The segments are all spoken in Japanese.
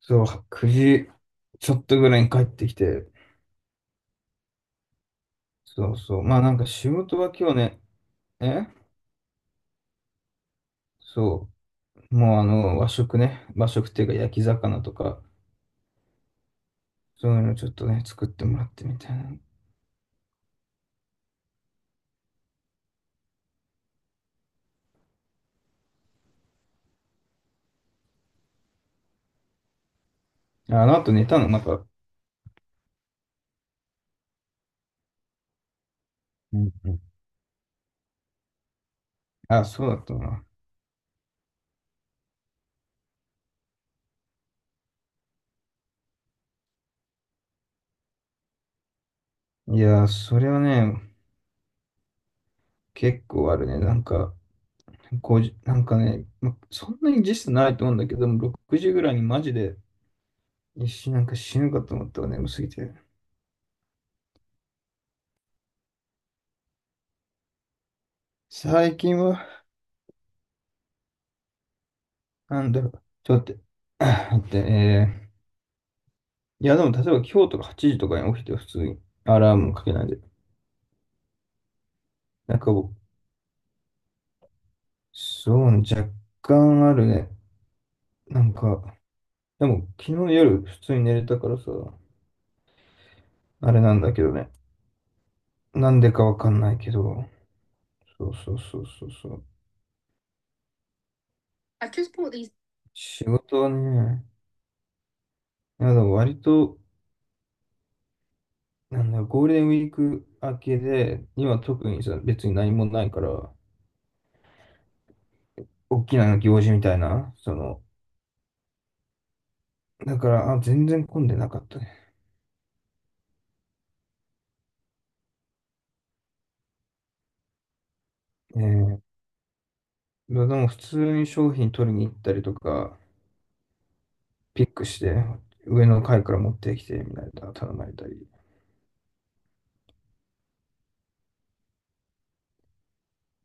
そう、9時ちょっとぐらいに帰ってきて、そうそう、まあなんか仕事は今日ね、えそう、もうあの和食ね、和食っていうか焼き魚とか、そういうのちょっとね、作ってもらってみたいな。ああの後寝たの、また。うんうん。あ、そうだったな。いやー、それはね、結構あるね。なんか、5時、なんかね、ま、そんなに時差ないと思うんだけども、6時ぐらいにマジで一瞬なんか死ぬかと思ったわ、眠すぎて。最近はなんだろう。ちょっと待って。あ待って、いや、でも、例えば今日とか8時とかに起きて普通にアラームもかけないで。なんか僕、そうね、若干あるね。なんか、でも昨日夜普通に寝れたからさ、あれなんだけどね。なんでかわかんないけど。そうそうそうそうそう。あ、結構いい。仕事はね、いやでも割と、なんだろう、ゴールデンウィーク明けで、今特にさ、別に何もないから、大きな行事みたいな、その、だから、あ、全然混んでなかったね。えー、でも普通に商品取りに行ったりとか、ピックして、上の階から持ってきて、みたいな、頼まれたり。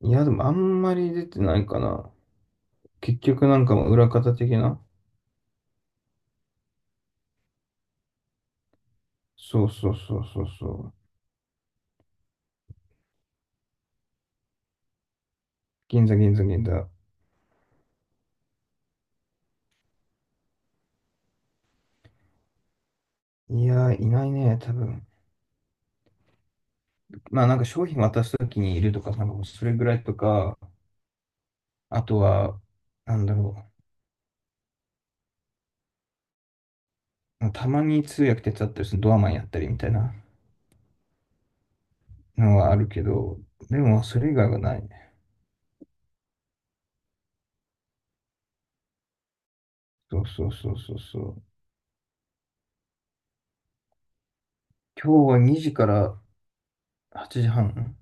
いや、でもあんまり出てないかな。結局なんかもう裏方的な。そうそうそうそうそう。銀座銀座銀座。いやー、いないね、多分。まあなんか商品渡すときにいるとか、なんかもうそれぐらいとか、あとは、なんだろう。たまに通訳手伝ったりするドアマンやったりみたいな。のはあるけど、でもそれ以外はないね。そうそうそうそうそう。今日は2時から8時半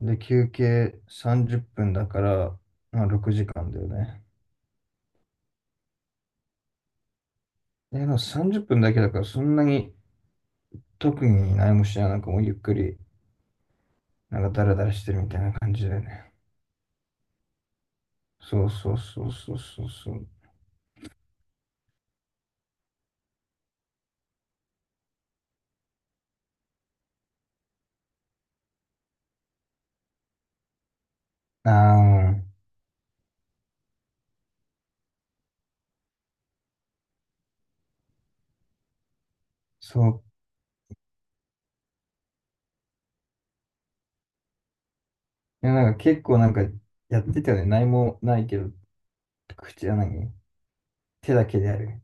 で休憩30分だから、まあ6時間だよね。で、でも30分だけだからそんなに特に何もしない、なんかもうゆっくり、なんかダラダラしてるみたいな感じだよね。そうそうそうそうそうそう。ああ、そう。いや、なんか結構なんかやってたよね。何もないけど、口は何手だけでやる。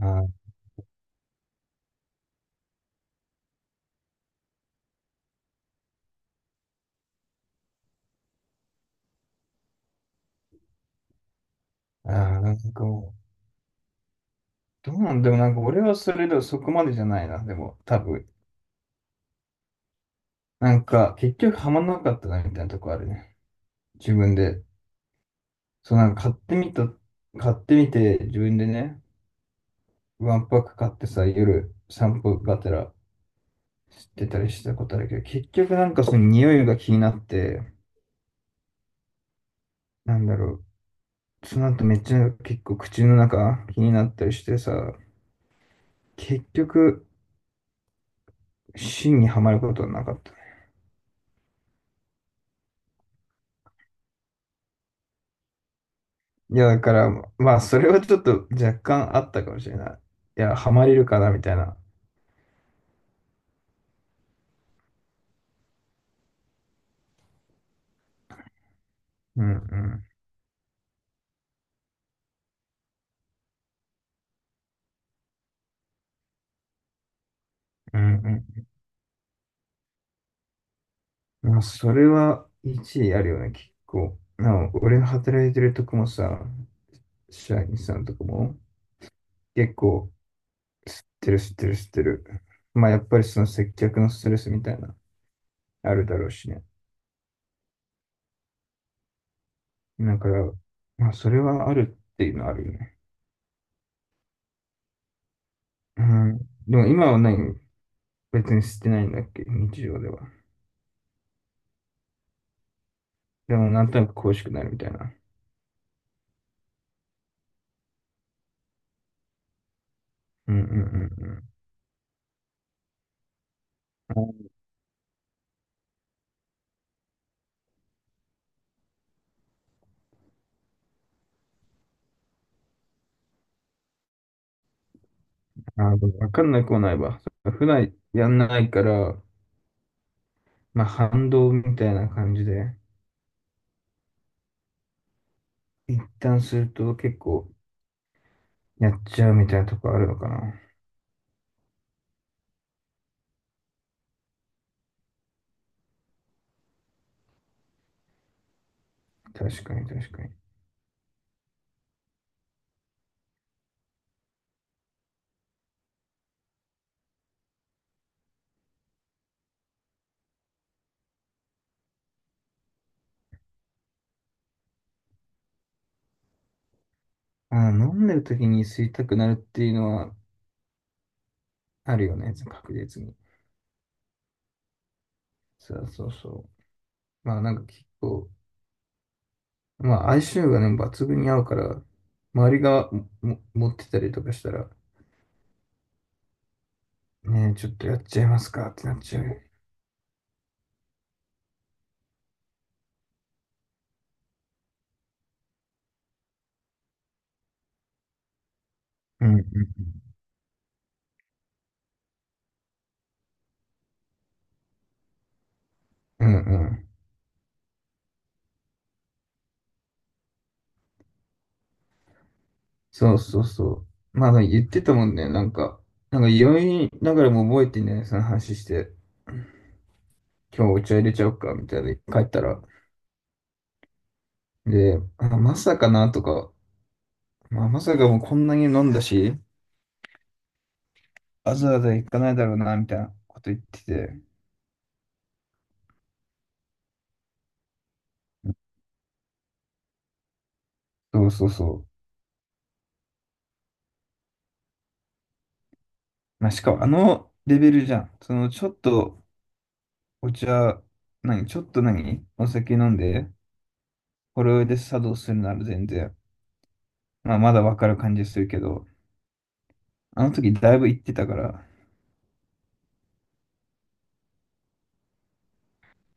あーあー、なんかもうどうなんでもなんか俺はそれでもそこまでじゃないな、でも多分。なんか結局ハマんなかったなみたいなとこあるね。自分で。そうなんか買ってみて自分でね、ワンパック買ってさ、夜散歩がてらしてたりしたことあるけど、結局なんかその匂いが気になって、なんだろう、その後めっちゃ結構口の中気になったりしてさ、結局芯にはまることはなかった。いや、だから、まあ、それはちょっと若干あったかもしれない。いや、ハマれるかな、みたいな。うんうん、うんうん。まあ、それは一理あるよね、結構。なお、俺の働いてるとこもさ、社員さんとかも、結構、知ってる知ってる知ってる。まあ、やっぱりその接客のストレスみたいな、あるだろうしね。だから、まあ、それはあるっていうのはあるよね。うん。でも今は何別に捨てないんだっけ日常では。でも、なんとなく恋しくなるみたいな。うんうんうんうん。ああ、でもわかんなくはないわ。普段やんないから、まあ反動みたいな感じで、一旦すると結構やっちゃうみたいなとこあるのかな。確かに確かに。ああ、飲んでる時に吸いたくなるっていうのはあるよね、確実に。そうそうそう。まあなんか結構、まあ相性がね、抜群に合うから、周りがも持ってたりとかしたら、ねえ、ちょっとやっちゃいますかってなっちゃう。うんうんうん。うんそうそうそう。まあ、言ってたもんね。なんか酔いながらも覚えてね、その話して、今日お茶入れちゃおうか、みたいな、帰ったら。で、あ、まさかな、とか、まあ、まさかもうこんなに飲んだし、わざわざ行かないだろうな、みたいなこと言ってて。そうそうそう。まあ、しかもあのレベルじゃん。その、ちょっとお茶、何、ちょっと何、お酒飲んで、これで作動するなら全然、まあ、まだわかる感じするけど、あの時だいぶ行ってたから、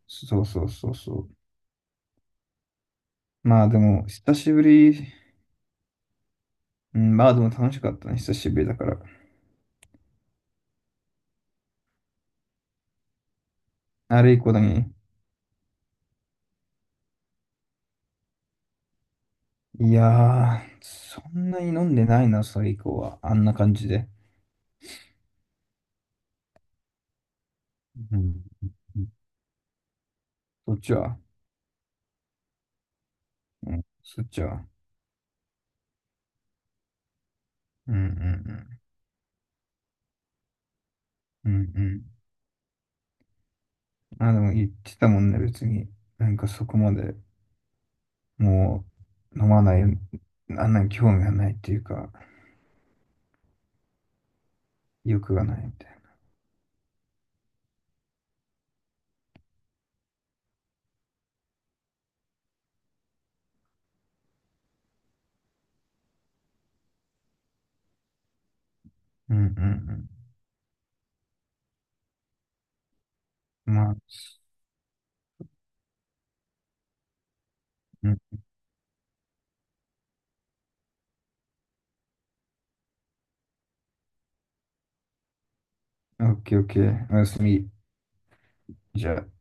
そうそうそうそう。まあでも、久しぶり、うん、まあでも楽しかったね、久しぶりだから。あれ以降だね。いやー、そんなに飲んでないな、それ以降は。あんな感じで。うん。そっちは、うん、そっちは。うんうんうん。うんうん。まあでも言ってたもんね、別に。なんかそこまで、もう、飲まない、あんなに興味がないっていうか、欲がないみたいな。うんうんうん。まあ、うん。オッケーオッケー。おやすみ。じゃあ。